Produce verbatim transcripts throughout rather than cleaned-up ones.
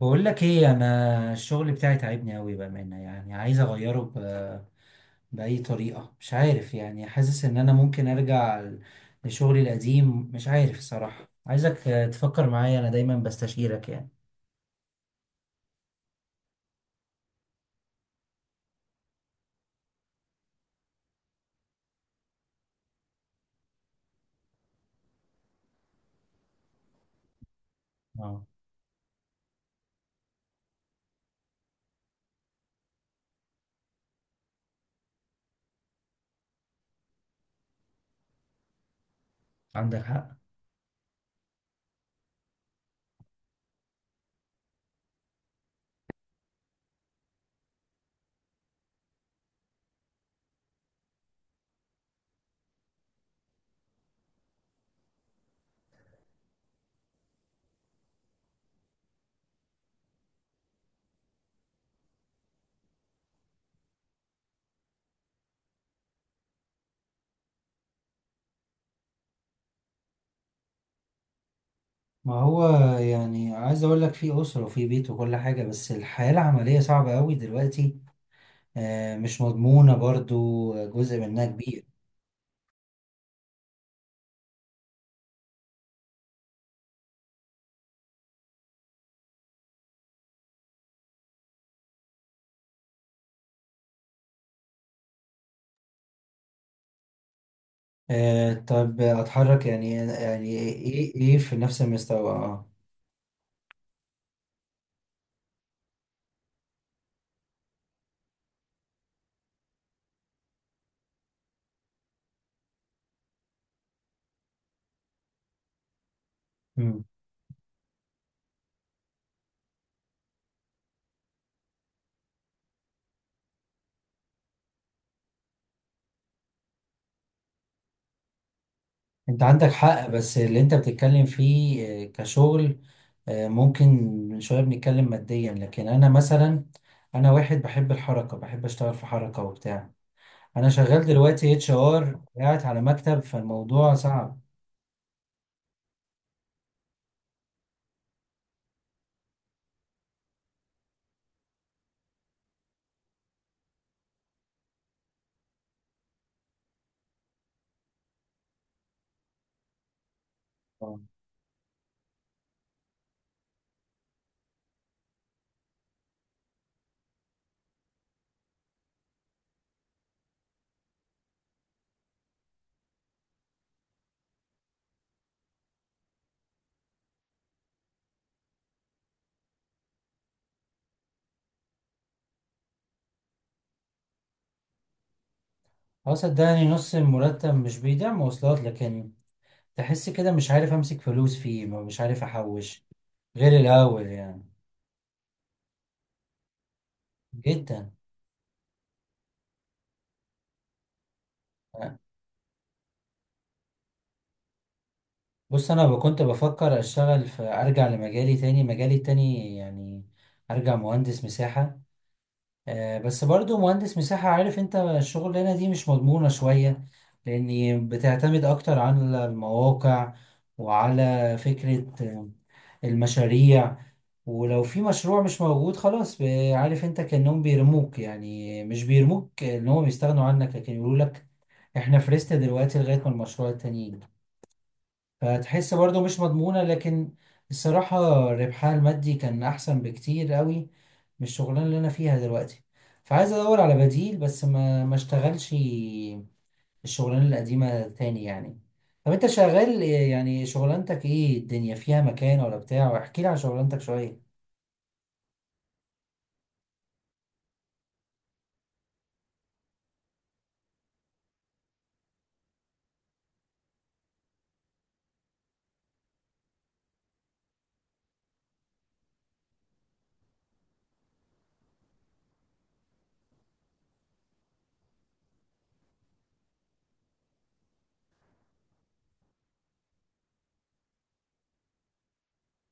بقول لك ايه؟ انا الشغل بتاعي تعبني قوي بامانه، يعني عايز اغيره ب... باي طريقه. مش عارف، يعني حاسس ان انا ممكن ارجع ل- لشغلي القديم. مش عارف الصراحه. عايزك آه، تفكر معايا، انا دايما بستشيرك يعني. اه. عندك حق. ما هو يعني عايز اقول لك في اسره وفي بيت وكل حاجه، بس الحياه العمليه صعبه قوي دلوقتي، آه، مش مضمونه برضو جزء منها كبير. آه، طب اتحرك يعني يعني ايه؟ ايه إيه؟ في نفس المستوى؟ اه. انت عندك حق، بس اللي انت بتتكلم فيه آه، كشغل آه، ممكن شوية. بنتكلم ماديا، لكن انا مثلا انا واحد بحب الحركة، بحب اشتغل في حركة وبتاع. انا شغال دلوقتي اتش ار، قاعد على مكتب فالموضوع صعب. اه. آه، صدقني نص المرتب مش بيدعم مواصلات، لكن تحس كده مش عارف امسك فلوس فيه، مش عارف احوش غير الاول يعني. جدا. بص، انا ب- كنت بفكر اشتغل في، ارجع لمجالي تاني، مجالي التاني يعني. ارجع مهندس مساحة، آه بس برضو مهندس مساحة، عارف انت الشغلانة دي مش مضمونة شوية، لاني بتعتمد اكتر على المواقع وعلى فكرة آه، المشاريع. ولو في مشروع مش موجود خلاص، ب- عارف انت كأنهم بيرموك. يعني مش بيرموك، ان هم بيستغنوا عنك، لكن يقولوا لك احنا فرست دلوقتي لغاية ما المشروع التاني يجي. فتحس برضو مش مضمونة، لكن الصراحة ربحها المادي كان أحسن بكتير قوي من الشغلانة اللي أنا فيها دلوقتي. فعايز أدور على بديل، بس ما ما اشتغلش الشغلانة القديمة تاني يعني. طب أنت شغال إيه- يعني شغلانتك إيه؟ الدنيا فيها مكان ولا بتاع؟ واحكي لي عن شغلانتك شوية.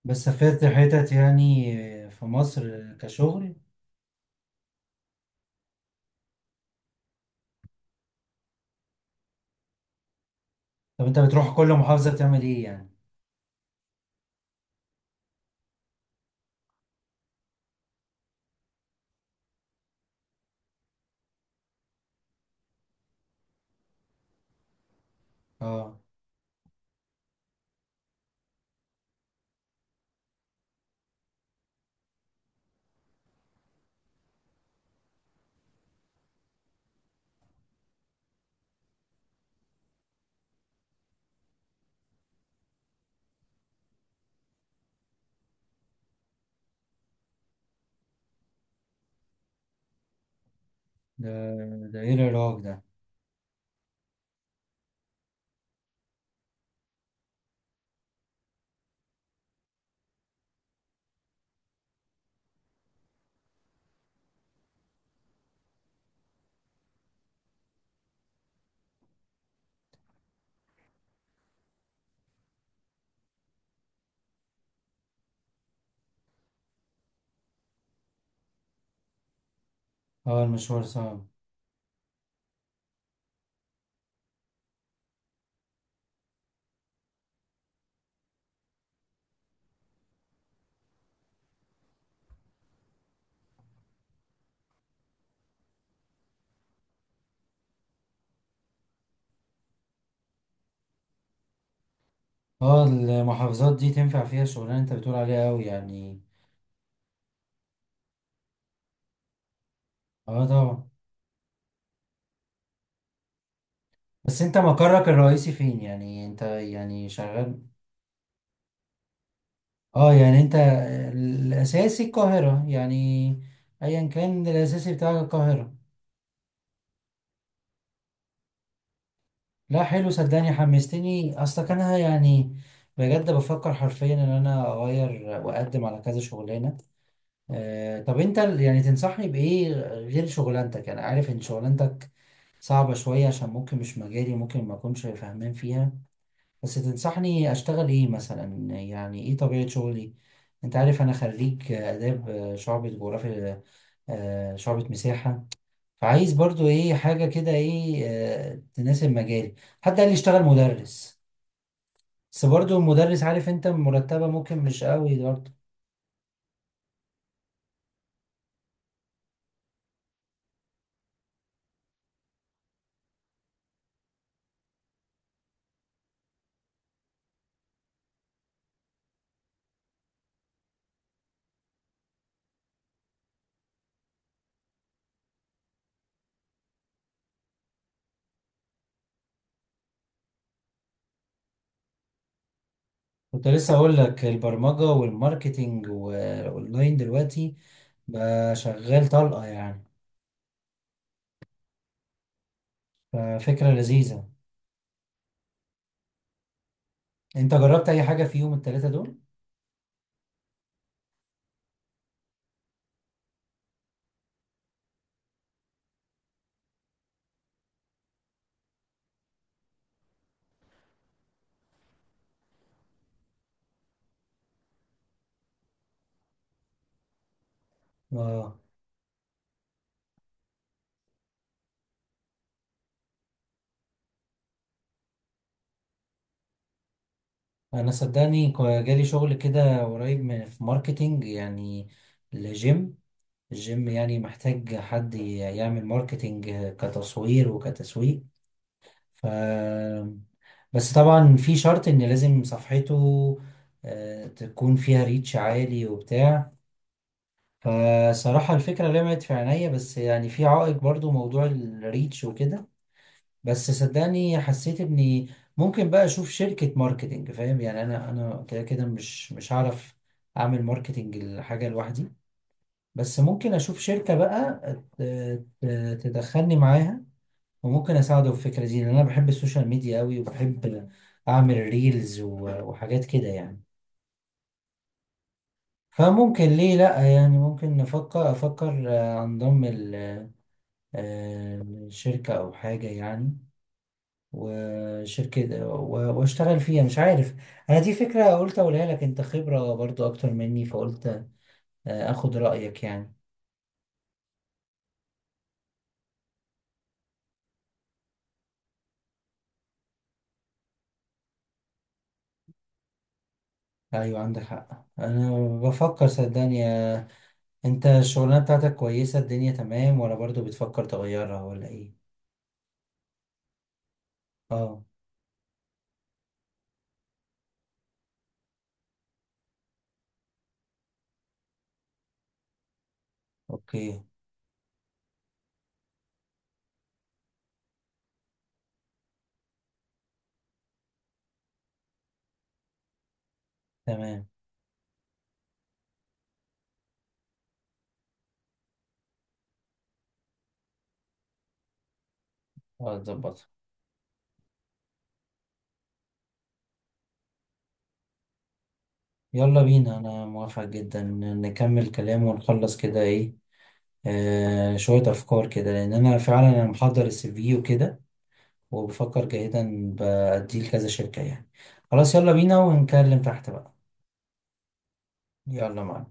بس سافرت حتت يعني في مصر كشغل؟ طب أنت بتروح كل محافظة بتعمل إيه يعني؟ آه. ده ده إيه العراق ده؟ آه المشوار صعب. اه المحافظات دي تنفع فيها الشغلانة انت بتقول عليها قوي يعني؟ اه طبعا. بس انت مقرك الرئيسي فين؟ يعني انت يعني شغال. اه يعني انت الاساسي القاهرة يعني؟ ايا كان الاساسي بتاعك القاهرة. لا حلو، صدقني حمستني اصلا. كان أنا يعني بجد بفكر حرفيا ان انا اغير واقدم على كذا شغلانة. آه طب انت يعني تنصحني بايه غير شغلانتك؟ انا عارف ان شغلانتك صعبة شوية، عشان ممكن مش مجالي، ممكن ما اكونش فاهمان فيها، بس تنصحني اشتغل ايه مثلا؟ يعني ايه طبيعة شغلي؟ انت عارف انا خريج اداب شعبة جغرافيا آه، شعبة مساحة. فعايز برضو ايه حاجة كده ايه آه، تناسب مجالي. حد قال لي اشتغل مدرس، بس برضو المدرس عارف انت مرتبة ممكن مش قوي برضو. كنت لسه اقول لك البرمجة والماركتينج والاونلاين دلوقتي بقى شغال طلقة يعني. ففكرة لذيذة. انت جربت اي حاجة في يوم التلاتة دول؟ اه. انا صدقني كو- جالي شغل كده قريب من في ماركتينج يعني لجيم. الجيم يعني محتاج حد ي- يعمل ماركتينج كتصوير وكتسويق. ف، بس طبعا في شرط ان لازم صفحته آه، تكون فيها ريتش عالي وبتاع. فصراحة الفكرة لمعت في عينيا، بس يعني في عائق برضو موضوع الريتش وكده. بس صدقني حسيت اني ممكن بقى اشوف شركة ماركتينج. فاهم يعني انا انا كده كده مش مش هعرف اعمل ماركتينج الحاجة لوحدي. بس ممكن اشوف شركة بقى ت- ت- تدخلني معاها، وممكن اساعده في الفكرة دي. لان انا بحب السوشيال ميديا قوي، وبحب اعمل ريلز و- وحاجات كده يعني. فممكن ليه لا؟ يعني ممكن نفكر افكر آه، انضم ال- آه، لشركة او حاجة يعني. وشركة و- واشتغل فيها مش عارف. انا دي فكرة قلت اقولها لك، انت خبرة برضو اكتر مني، فقلت آه، اخد رأيك يعني. ايوه عندك حق. انا بفكر صدقني آه، انت الشغلانة بتاعتك كويسة الدنيا تمام، ولا برضو بتفكر تغيرها ولا ايه؟ اه اوكي تمام. اه اتظبط. يلا بينا، انا موافق جدا. نكمل كلام ونخلص كده ايه آه شوية افكار كده. لان انا فعلا انا محضر السي في وكده، وبفكر جاهدا بأديه لكذا شركة يعني. خلاص يلا بينا ونكلم تحت بقى. يلا معاك.